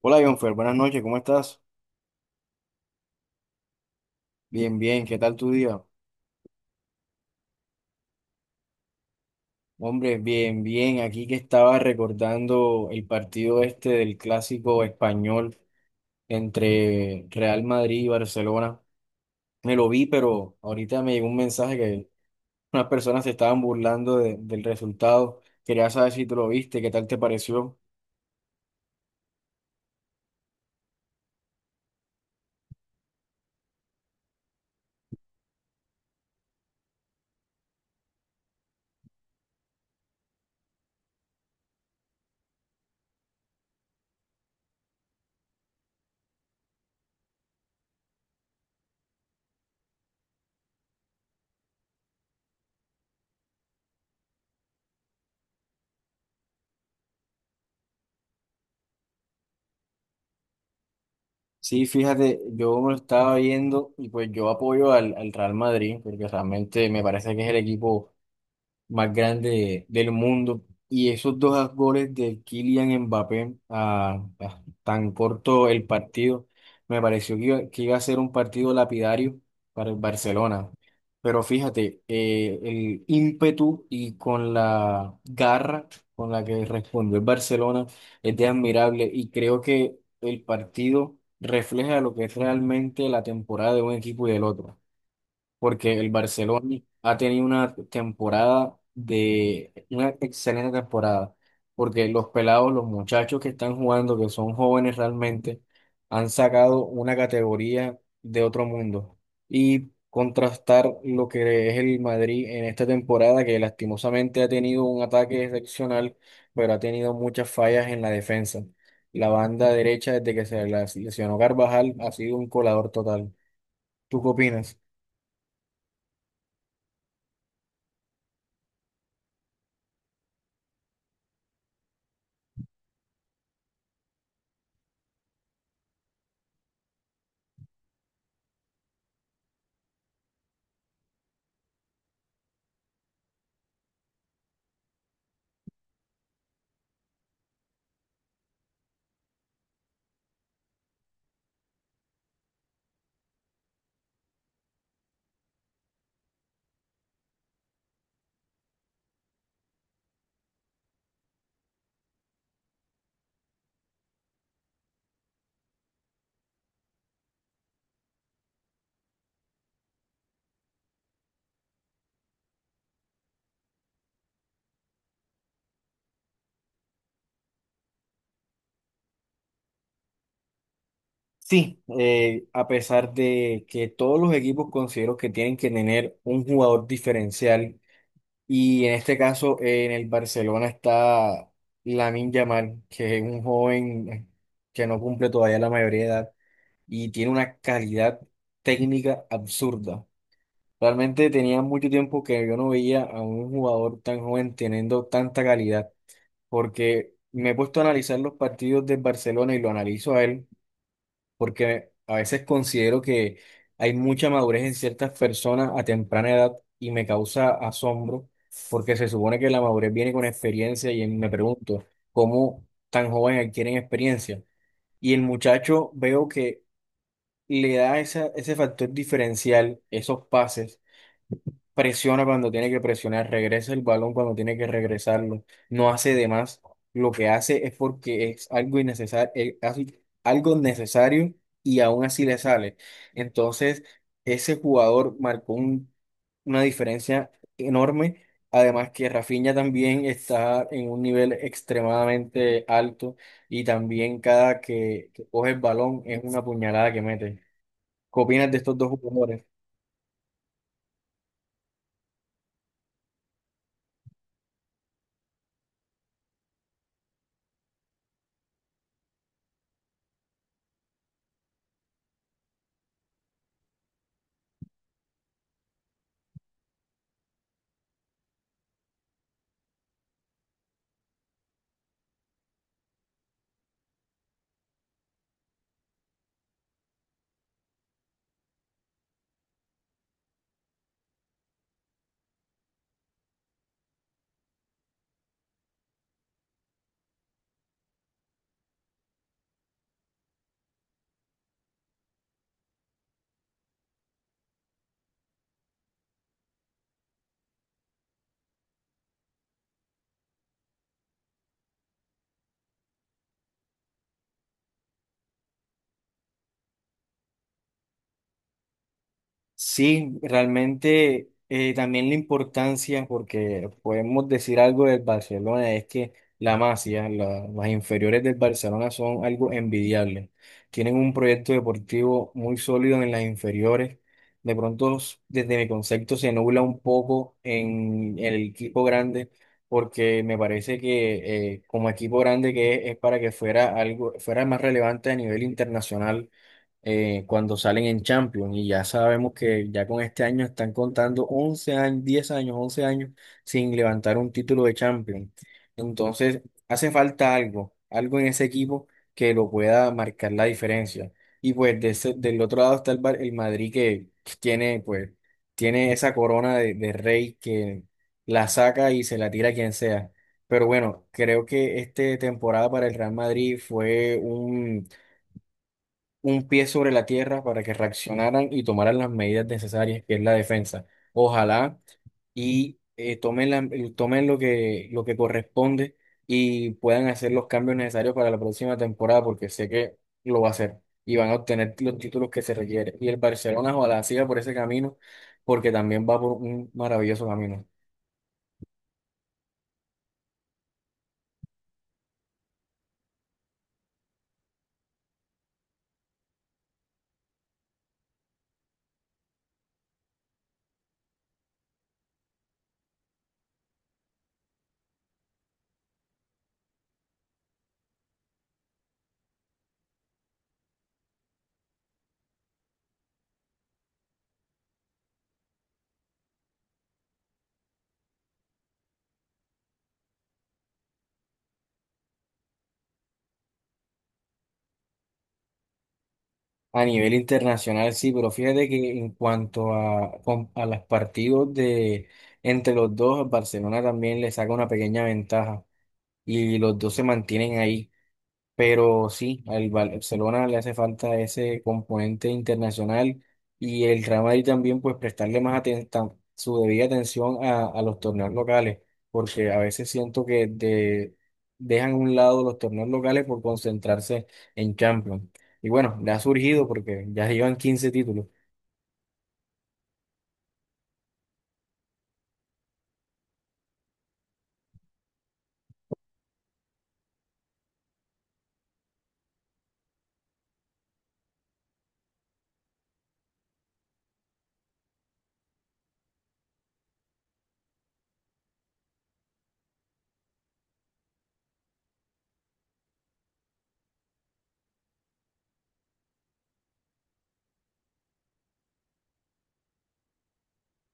Hola, Jonfer, buenas noches, ¿cómo estás? Bien, bien, ¿qué tal tu día? Hombre, bien, bien, aquí que estaba recordando el partido este del clásico español entre Real Madrid y Barcelona. Me lo vi, pero ahorita me llegó un mensaje que unas personas se estaban burlando del resultado. Quería saber si tú lo viste, ¿qué tal te pareció? Sí, fíjate, yo me lo estaba viendo y pues yo apoyo al Real Madrid, porque realmente me parece que es el equipo más grande del mundo. Y esos dos goles de Kylian Mbappé a tan corto el partido, me pareció que que iba a ser un partido lapidario para el Barcelona. Pero fíjate, el ímpetu y con la garra con la que respondió el Barcelona es de admirable y creo que el partido refleja lo que es realmente la temporada de un equipo y del otro porque el Barcelona ha tenido una temporada de una excelente temporada, porque los pelados, los muchachos que están jugando, que son jóvenes realmente, han sacado una categoría de otro mundo. Y contrastar lo que es el Madrid en esta temporada, que lastimosamente ha tenido un ataque excepcional, pero ha tenido muchas fallas en la defensa. La banda derecha, desde que se las lesionó Carvajal, ha sido un colador total. ¿Tú qué opinas? Sí, a pesar de que todos los equipos considero que tienen que tener un jugador diferencial y en este caso en el Barcelona está Lamine Yamal, que es un joven que no cumple todavía la mayoría de edad y tiene una calidad técnica absurda. Realmente tenía mucho tiempo que yo no veía a un jugador tan joven teniendo tanta calidad, porque me he puesto a analizar los partidos del Barcelona y lo analizo a él porque a veces considero que hay mucha madurez en ciertas personas a temprana edad y me causa asombro, porque se supone que la madurez viene con experiencia y me pregunto, ¿cómo tan joven adquieren experiencia? Y el muchacho veo que le da esa, ese factor diferencial, esos pases presiona cuando tiene que presionar, regresa el balón cuando tiene que regresarlo, no hace de más. Lo que hace es porque es algo innecesario, algo necesario y aún así le sale. Entonces, ese jugador marcó una diferencia enorme. Además que Rafinha también está en un nivel extremadamente alto y también cada que coge el balón es una puñalada que mete. ¿Qué opinas de estos dos jugadores? Sí, realmente también la importancia, porque podemos decir algo del Barcelona, es que la Masia, las inferiores del Barcelona son algo envidiable. Tienen un proyecto deportivo muy sólido en las inferiores. De pronto, desde mi concepto, se nubla un poco en el equipo grande, porque me parece que como equipo grande que es para que fuera algo, fuera más relevante a nivel internacional cuando salen en Champions. Y ya sabemos que ya con este año están contando 11 años, 10 años, 11 años sin levantar un título de Champions. Entonces, hace falta algo, algo en ese equipo que lo pueda marcar la diferencia. Y pues de del otro lado está el Madrid que tiene, pues, tiene esa corona de rey que la saca y se la tira a quien sea. Pero bueno, creo que esta temporada para el Real Madrid fue un pie sobre la tierra para que reaccionaran y tomaran las medidas necesarias, que es la defensa. Ojalá y tomen lo que corresponde y puedan hacer los cambios necesarios para la próxima temporada, porque sé que lo va a hacer y van a obtener los títulos que se requieren. Y el Barcelona ojalá siga por ese camino, porque también va por un maravilloso camino. A nivel internacional, sí, pero fíjate que en cuanto a, a los partidos de entre los dos, Barcelona también le saca una pequeña ventaja y los dos se mantienen ahí. Pero sí, al Barcelona le hace falta ese componente internacional y el Real Madrid también, pues prestarle más atención, su debida atención a los torneos locales, porque a veces siento que dejan a un lado los torneos locales por concentrarse en Champions. Y bueno, le ha surgido porque ya llevan 15 títulos.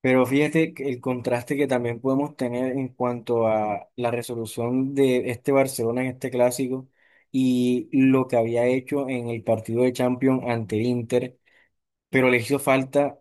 Pero fíjate que el contraste que también podemos tener en cuanto a la resolución de este Barcelona en este clásico y lo que había hecho en el partido de Champions ante el Inter pero le hizo falta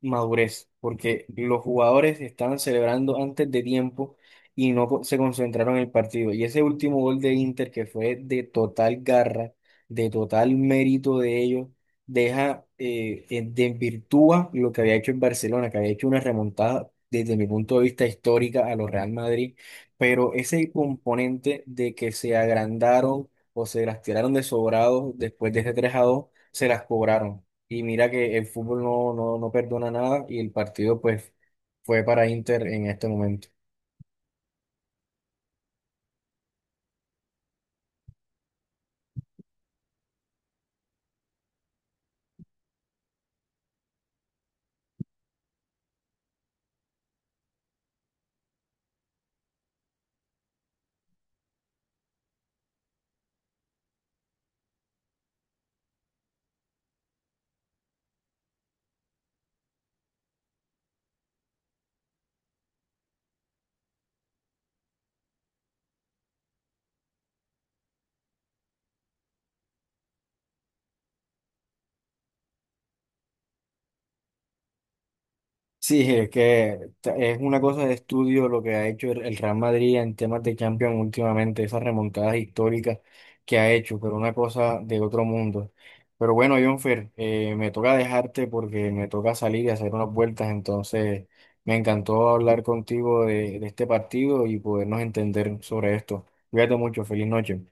madurez, porque los jugadores estaban celebrando antes de tiempo y no se concentraron en el partido. Y ese último gol de Inter, que fue de total garra, de total mérito de ellos, deja, desvirtúa lo que había hecho en Barcelona, que había hecho una remontada desde mi punto de vista histórica a los Real Madrid, pero ese componente de que se agrandaron o se las tiraron de sobrados después de ese 3 a dos se las cobraron. Y mira que el fútbol no perdona nada y el partido pues fue para Inter en este momento. Sí, es que es una cosa de estudio lo que ha hecho el Real Madrid en temas de Champions últimamente, esas remontadas históricas que ha hecho, pero una cosa de otro mundo. Pero bueno, Jonfer, me toca dejarte porque me toca salir y hacer unas vueltas, entonces me encantó hablar contigo de este partido y podernos entender sobre esto. Cuídate mucho, feliz noche.